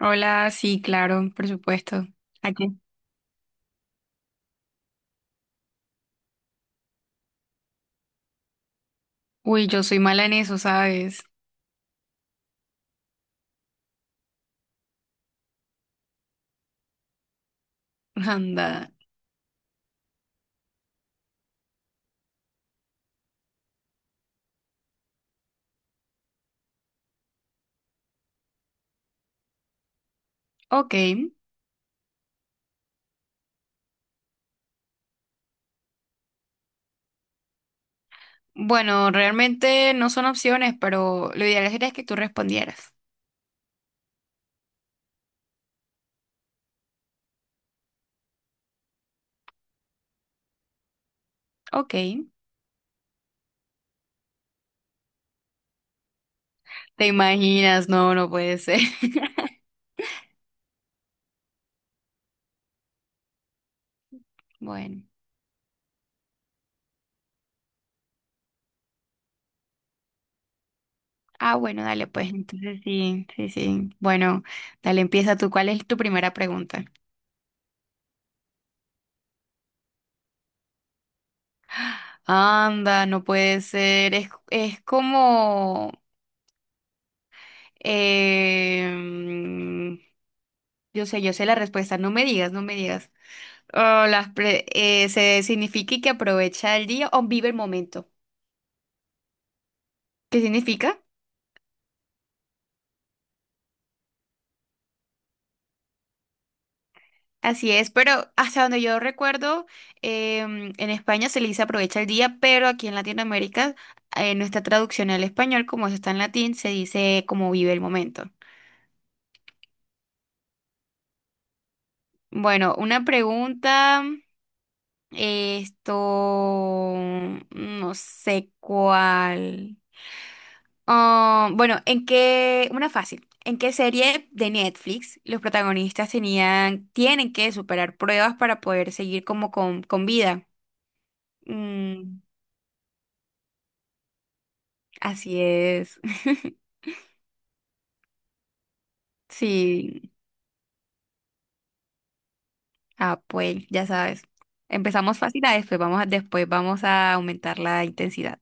Hola, sí, claro, por supuesto. Aquí. Uy, yo soy mala en eso, ¿sabes? Anda. Ok. Bueno, realmente no son opciones, pero lo ideal sería que tú respondieras. Ok. ¿Te imaginas? No, no puede ser. Bueno. Ah, bueno, dale, pues entonces sí, sí, sí. Bueno, dale, empieza tú. ¿Cuál es tu primera pregunta? Anda, no puede ser. Es como... em, yo sé la respuesta. No me digas, no me digas. Oh, se significa que aprovecha el día o vive el momento. ¿Qué significa? Así es, pero hasta donde yo recuerdo, en España se le dice aprovecha el día, pero aquí en Latinoamérica, nuestra traducción al español, como eso está en latín, se dice como vive el momento. Bueno, una pregunta, esto, no sé cuál. Ah, bueno, una fácil, ¿en qué serie de Netflix los protagonistas tenían, tienen que superar pruebas para poder seguir como con vida? Mm, así es. Sí, pues, ya sabes. Empezamos fácil, después vamos a aumentar la intensidad.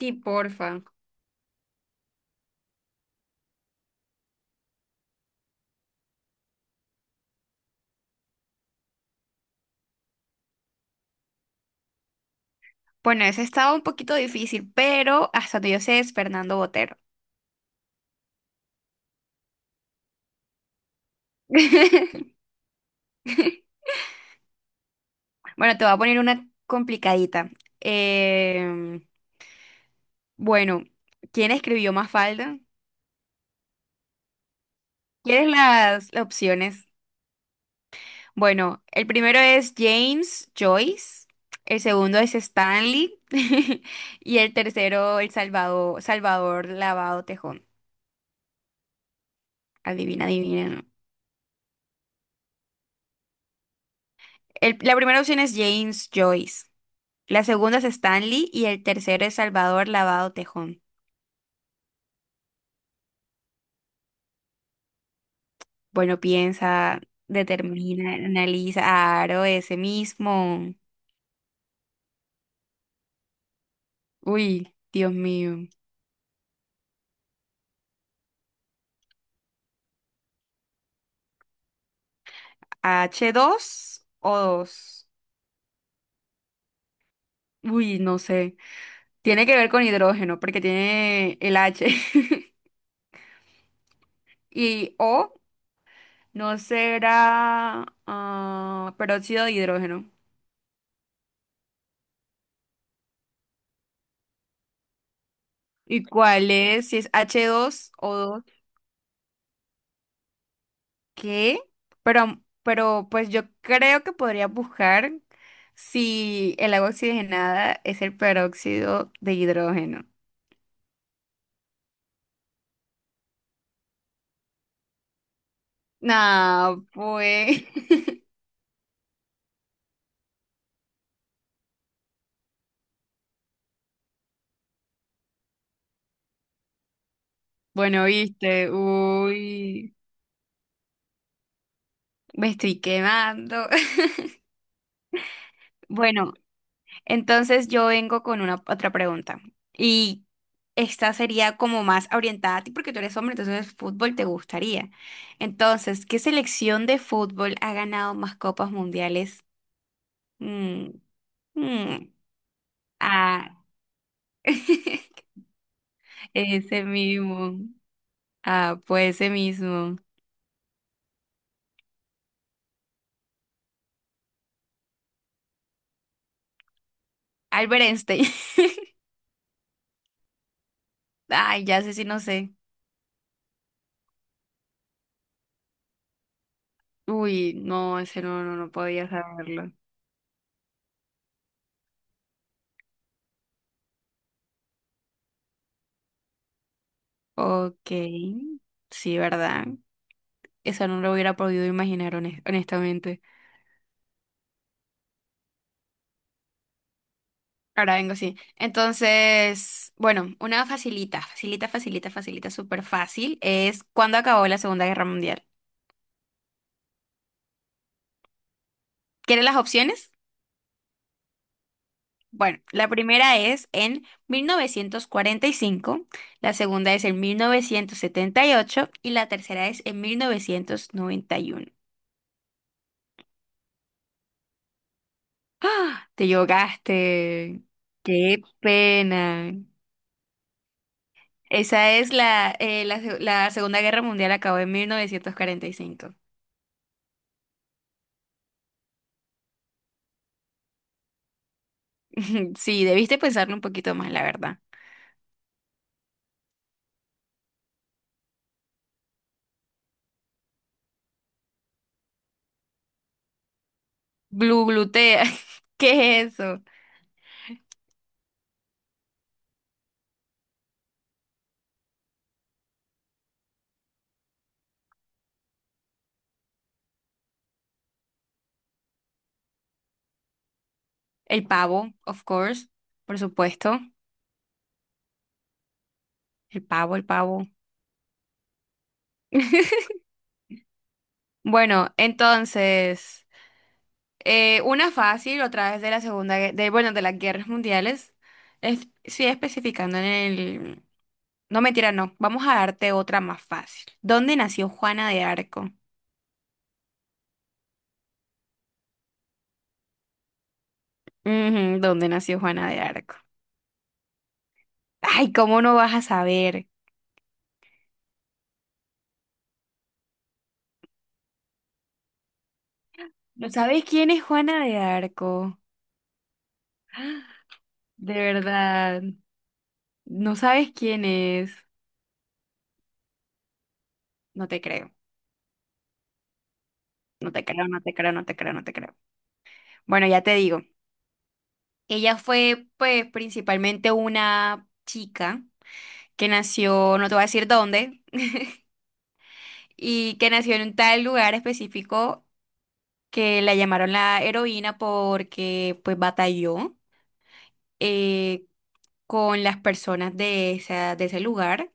Sí, porfa. Bueno, ese estaba un poquito difícil, pero hasta donde yo sé es Fernando Botero. Bueno, te voy a poner una complicadita. Em, Bueno, ¿quién escribió Mafalda? ¿Quieres las opciones? Bueno, el primero es James Joyce, el segundo es Stanley y el tercero el Salvador, Salvador Lavado Tejón. Adivina, adivina. ¿No? El- la primera opción es James Joyce, la segunda es Stanley y el tercero es Salvador Lavado Tejón. Bueno, piensa, determina, analiza, aro ese mismo. Uy, Dios mío. H 2 o dos, uy, no sé. Tiene que ver con hidrógeno porque tiene el H. Y O no será peróxido de hidrógeno. ¿Y cuál es? Si es h dos o 2, ¿qué? Pero pues yo creo que podría buscar si el agua oxigenada es el peróxido de hidrógeno. No, pues. Bueno, viste. Uy. Me estoy quemando. Bueno, entonces yo vengo con una otra pregunta. Y esta sería como más orientada a ti porque tú eres hombre, entonces fútbol te gustaría. Entonces, ¿qué selección de fútbol ha ganado más copas mundiales? Mm, mm, ah, ese mismo. Ah, pues ese mismo. Albert Einstein. Ay, ya sé si no sé. Uy, no, ese no, no, no podía saberlo. Ok, sí, ¿verdad? Eso no lo hubiera podido imaginar, honestamente. Ahora vengo sí. Entonces, bueno, una facilita, facilita, facilita, facilita, súper fácil es ¿cuándo acabó la Segunda Guerra Mundial? ¿Quieres las opciones? Bueno, la primera es en 1945, la segunda es en 1978 y la tercera es en 1991. ¡Ah! Te llogaste. ¡Qué pena! Esa es la Segunda Guerra Mundial acabó en 1945. Sí, debiste pensarlo un poquito más, la verdad. Blue glutea. ¿Qué es eso? El pavo, of course. Por supuesto. El pavo, el pavo. Bueno, entonces, una fácil otra vez de la segunda, bueno, de las guerras mundiales. Es, sigue especificando en el... No, mentira, no. Vamos a darte otra más fácil. ¿Dónde nació Juana de Arco? Ujú, ¿dónde nació Juana de Arco? Ay, ¿cómo no vas a saber? ¿No sabes quién es Juana de Arco? De verdad, no sabes quién es. No te creo, no te creo, no te creo, no te creo, no te creo. Bueno, ya te digo, ella fue pues principalmente una chica que nació, no te voy a decir dónde, y que nació en un tal lugar específico que la llamaron la heroína porque pues batalló. eh, con las personas de de ese lugar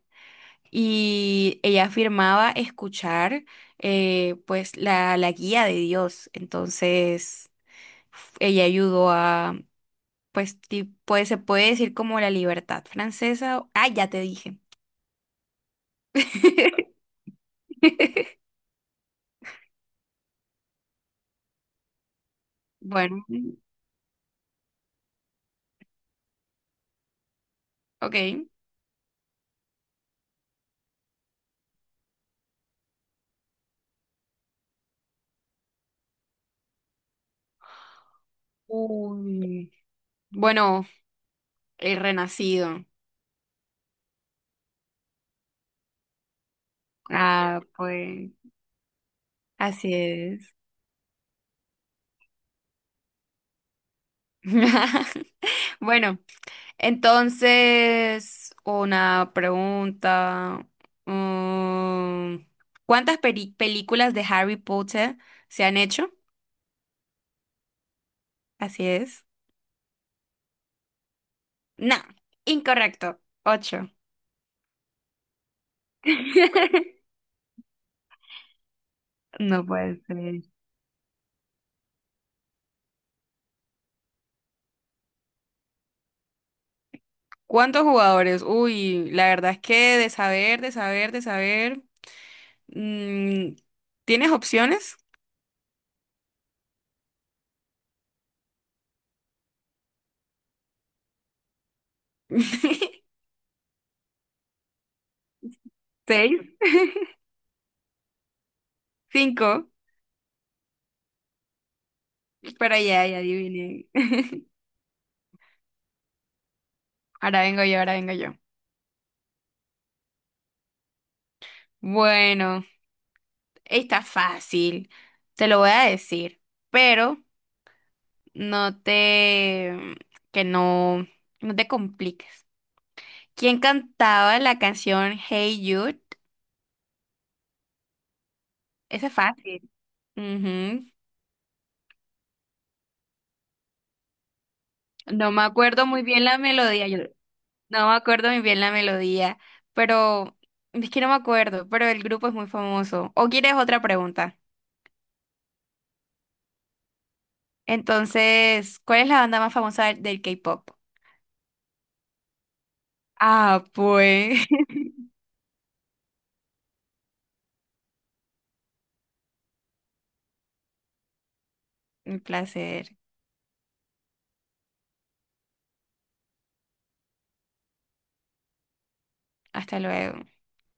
y ella afirmaba escuchar pues la guía de Dios. Entonces ella ayudó a pues, se puede decir como la libertad francesa. Ah, ya te dije. Bueno, ok. Uy. Bueno, el renacido. Ah, pues así es. Bueno. Entonces, una pregunta. mm, ¿Cuántas películas de Harry Potter se han hecho? Así es. No, incorrecto. Ocho. No puede ser. ¿Cuántos jugadores? Uy, la verdad es que de saber, de saber, de saber. mm, ¿Tienes opciones? ¿Seis? ¿Cinco? Pero ya, ya adiviné. Ahora vengo yo, ahora vengo yo. Bueno. Está fácil, te lo voy a decir, pero no te, mm, que no, no te compliques. ¿Quién cantaba la canción Hey Jude? Esa es fácil. Ujú. No me acuerdo muy bien la melodía, yo no me acuerdo muy bien la melodía, pero es que no me acuerdo, pero el grupo es muy famoso. ¿O quieres otra pregunta? Entonces, ¿cuál es la banda más famosa del K-pop? Ah, pues. Un placer. Hasta luego.